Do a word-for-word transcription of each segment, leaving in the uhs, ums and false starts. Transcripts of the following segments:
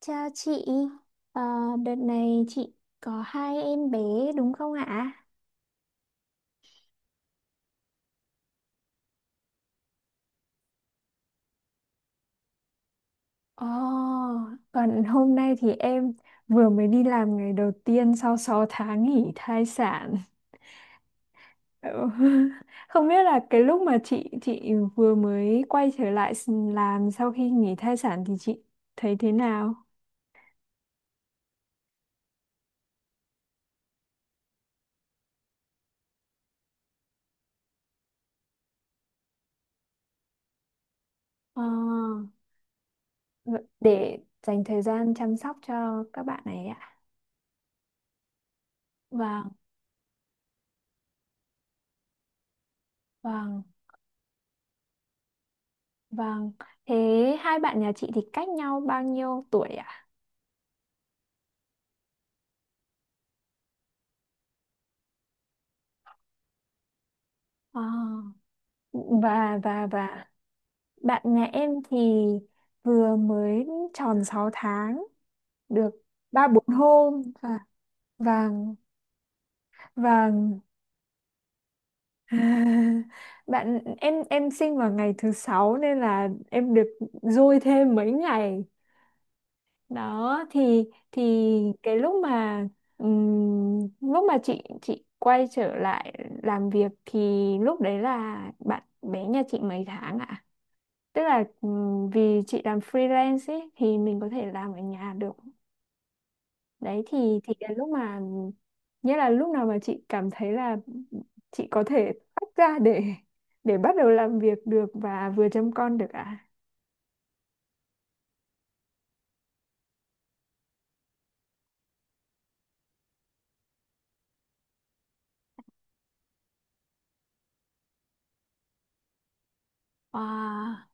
Chào chị, Ờ, đợt này chị có hai em bé đúng không ạ? Ồ, còn hôm nay thì em vừa mới đi làm ngày đầu tiên sau sáu tháng nghỉ thai sản. Ừ. Không biết là cái lúc mà chị chị vừa mới quay trở lại s- làm sau khi nghỉ thai sản thì chị thấy thế nào? ờ, v- để dành thời gian chăm sóc cho các bạn này ạ. Vâng, vâng. Vâng, thế hai bạn nhà chị thì cách nhau bao nhiêu tuổi ạ? À, và và và bạn nhà em thì vừa mới tròn sáu tháng được ba bốn hôm và vàng, vàng. Bạn em em sinh vào ngày thứ sáu nên là em được dôi thêm mấy ngày đó, thì thì cái lúc mà ừm, lúc mà chị chị quay trở lại làm việc thì lúc đấy là bạn bé nhà chị mấy tháng ạ? Tức là ừm, vì chị làm freelance ấy, thì mình có thể làm ở nhà được đấy, thì thì cái lúc mà nghĩa là lúc nào mà chị cảm thấy là chị có thể tách ra để để bắt đầu làm việc được và vừa chăm con được ạ? Wow,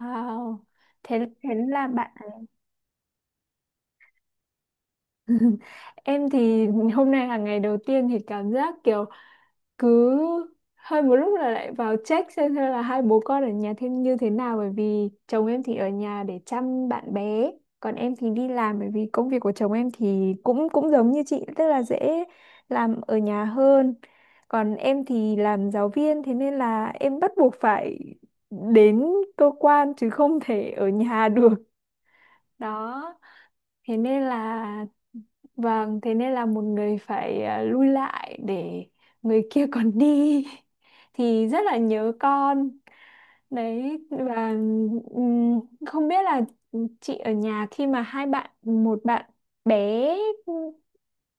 wow. Thế thế là bạn. Em thì hôm nay là ngày đầu tiên thì cảm giác kiểu cứ hơi một lúc là lại vào check xem xem là hai bố con ở nhà thêm như thế nào, bởi vì chồng em thì ở nhà để chăm bạn bé, còn em thì đi làm. Bởi vì công việc của chồng em thì cũng cũng giống như chị, tức là dễ làm ở nhà hơn, còn em thì làm giáo viên, thế nên là em bắt buộc phải đến cơ quan chứ không thể ở nhà được. Đó thế nên là vâng, thế nên là một người phải, à, lui lại để người kia còn đi, thì rất là nhớ con đấy. Và ừm, không biết là chị ở nhà khi mà hai bạn, một bạn bé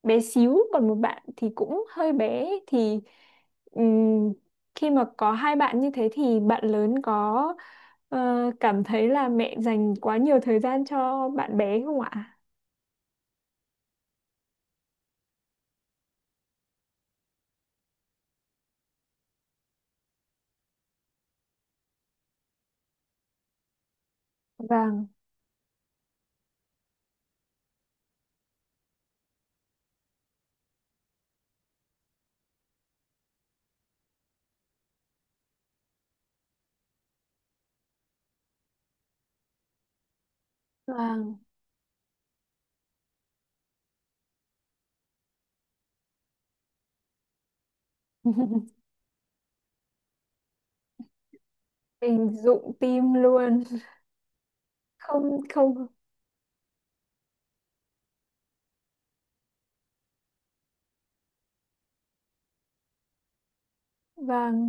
bé xíu còn một bạn thì cũng hơi bé, thì ừm, khi mà có hai bạn như thế thì bạn lớn có ờ, cảm thấy là mẹ dành quá nhiều thời gian cho bạn bé không ạ? Vàng, vàng. Hình dụng tim luôn. Không, không. Vàng,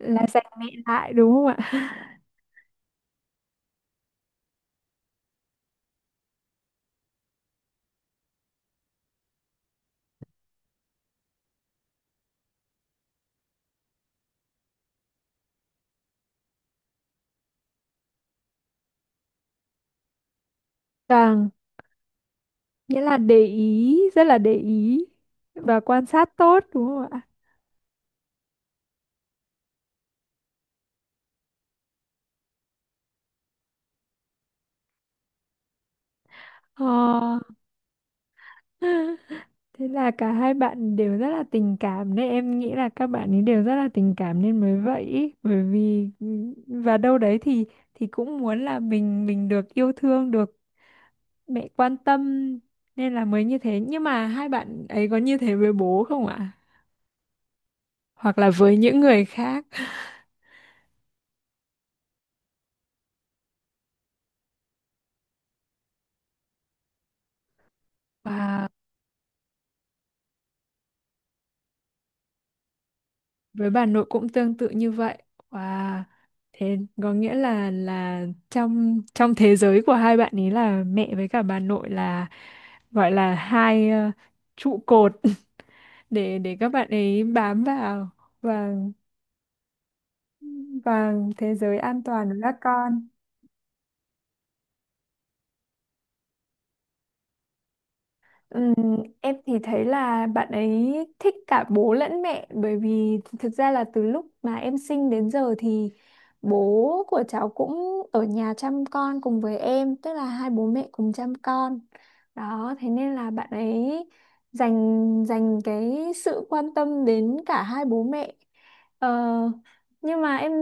là dành mẹ lại đúng không ạ? Vàng, nghĩa là để ý, rất là để ý và quan sát tốt đúng không ạ? Ờ. Thế là cả hai bạn đều rất là tình cảm đấy, em nghĩ là các bạn ấy đều rất là tình cảm nên mới vậy ý. Bởi vì và đâu đấy thì thì cũng muốn là mình mình được yêu thương, được mẹ quan tâm, nên là mới như thế. Nhưng mà hai bạn ấy có như thế với bố không ạ, hoặc là với những người khác? Và với bà nội cũng tương tự như vậy. Và thế có nghĩa là là trong trong thế giới của hai bạn ấy là mẹ với cả bà nội là, gọi là hai, ờ, trụ cột để để các bạn ấy bám vào. Và và thế giới an toàn của các con. Ừm, em thì thấy là bạn ấy thích cả bố lẫn mẹ, bởi vì thực ra là từ lúc mà em sinh đến giờ thì bố của cháu cũng ở nhà chăm con cùng với em, tức là hai bố mẹ cùng chăm con. Đó thế nên là bạn ấy dành dành cái sự quan tâm đến cả hai bố mẹ. ờ, nhưng mà em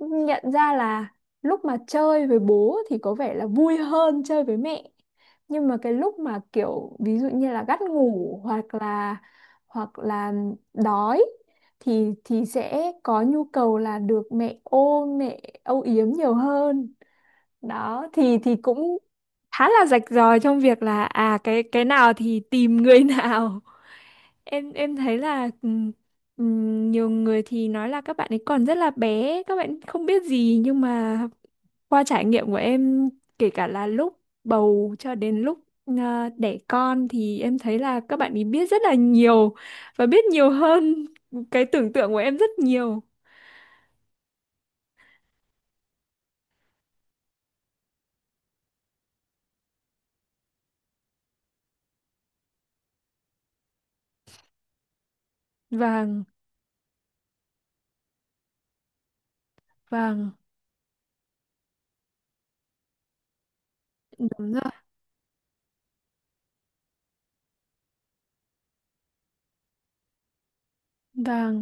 nhận ra là lúc mà chơi với bố thì có vẻ là vui hơn chơi với mẹ, nhưng mà cái lúc mà kiểu ví dụ như là gắt ngủ, hoặc là hoặc là đói, thì thì sẽ có nhu cầu là được mẹ ôm, mẹ âu yếm nhiều hơn. Đó thì thì cũng khá là rạch ròi trong việc là à cái cái nào thì tìm người nào. Em em thấy là ừm, ừm, nhiều người thì nói là các bạn ấy còn rất là bé, các bạn không biết gì, nhưng mà qua trải nghiệm của em, kể cả là lúc bầu cho đến lúc à, đẻ con, thì em thấy là các bạn ấy biết rất là nhiều và biết nhiều hơn cái tưởng tượng của em rất nhiều. Vàng, vàng, đúng rồi. Vàng,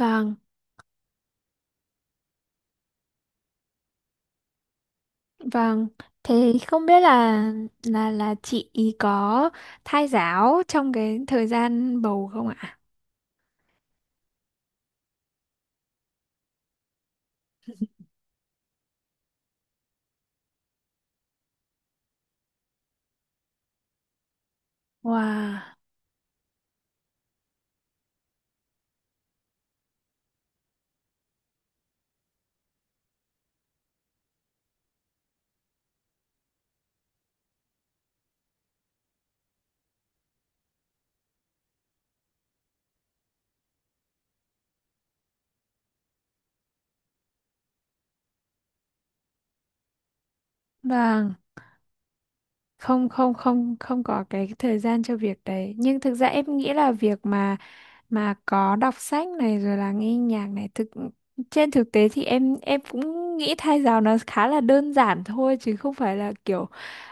vàng. Vâng, thế không biết là là là chị có thai giáo trong cái thời gian bầu không ạ? Wow, vâng, không, không, không, không có cái thời gian cho việc đấy. Nhưng thực ra em nghĩ là việc mà mà có đọc sách này rồi là nghe nhạc này, thực trên thực tế thì em em cũng nghĩ thai giáo nó khá là đơn giản thôi chứ không phải là kiểu,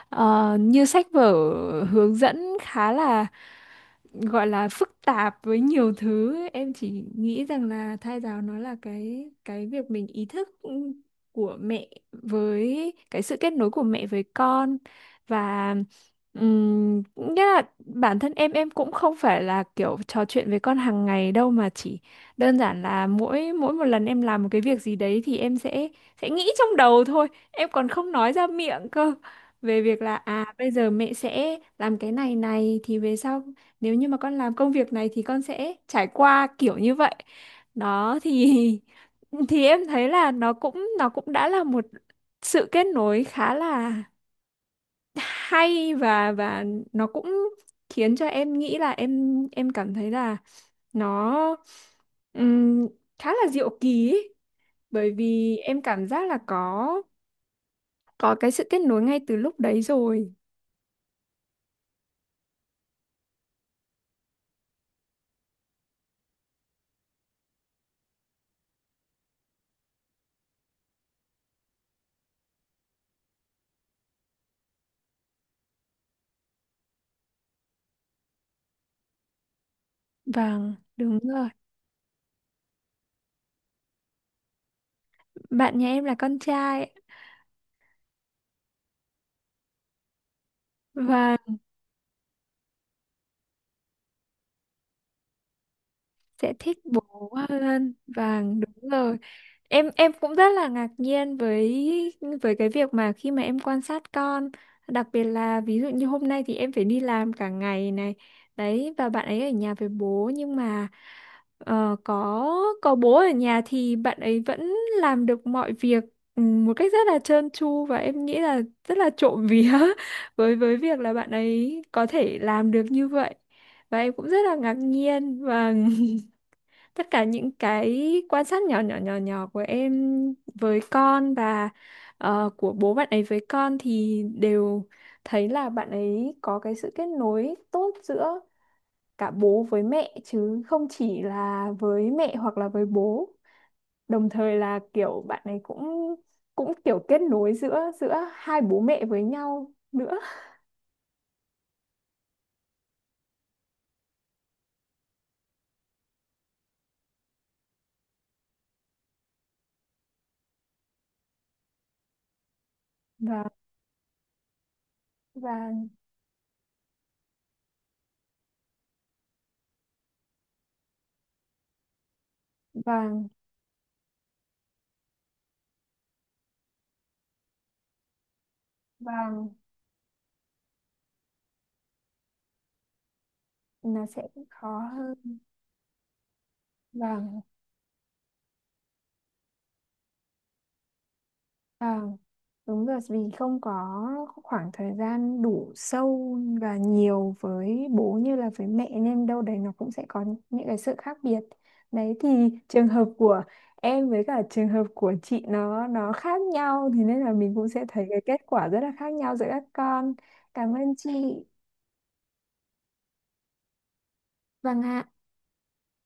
Ờ, như sách vở hướng dẫn khá là, gọi là phức tạp với nhiều thứ. Em chỉ nghĩ rằng là thai giáo nó là cái cái việc mình ý thức của mẹ với cái sự kết nối của mẹ với con. Và ừm, nghĩa là bản thân em em cũng không phải là kiểu trò chuyện với con hàng ngày đâu, mà chỉ đơn giản là mỗi mỗi một lần em làm một cái việc gì đấy thì em sẽ sẽ nghĩ trong đầu thôi, em còn không nói ra miệng cơ, về việc là à bây giờ mẹ sẽ làm cái này này thì về sau, nếu như mà con làm công việc này thì con sẽ trải qua kiểu như vậy. Đó thì thì em thấy là nó cũng nó cũng đã là một sự kết nối khá là hay, và và nó cũng khiến cho em nghĩ là, em em cảm thấy là nó, ừm, khá là diệu kỳ ấy. Bởi vì em cảm giác là có có cái sự kết nối ngay từ lúc đấy rồi. Vâng, đúng rồi. Bạn nhà em là con trai. Và sẽ thích bố hơn, vâng đúng rồi. Em em cũng rất là ngạc nhiên với với cái việc mà khi mà em quan sát con, đặc biệt là ví dụ như hôm nay thì em phải đi làm cả ngày này đấy, và bạn ấy ở nhà với bố. Nhưng mà ờ, có có bố ở nhà thì bạn ấy vẫn làm được mọi việc, ừ, một cách rất là trơn tru, và em nghĩ là rất là trộm vía với với việc là bạn ấy có thể làm được như vậy. Và em cũng rất là ngạc nhiên, và tất cả những cái quan sát nhỏ nhỏ, nhỏ nhỏ của em với con và ờ, của bố bạn ấy với con thì đều thấy là bạn ấy có cái sự kết nối tốt giữa cả bố với mẹ, chứ không chỉ là với mẹ hoặc là với bố. Đồng thời là kiểu bạn ấy cũng cũng kiểu kết nối giữa giữa hai bố mẹ với nhau nữa. Và và và và là sẽ khó hơn. và Ờ, đúng rồi, vì không có khoảng thời gian đủ sâu và nhiều với bố như là với mẹ, nên đâu đấy nó cũng sẽ có những cái sự khác biệt. Đấy thì trường hợp của em với cả trường hợp của chị nó nó khác nhau, thì nên là mình cũng sẽ thấy cái kết quả rất là khác nhau giữa các con. Cảm ơn chị. Vâng ạ.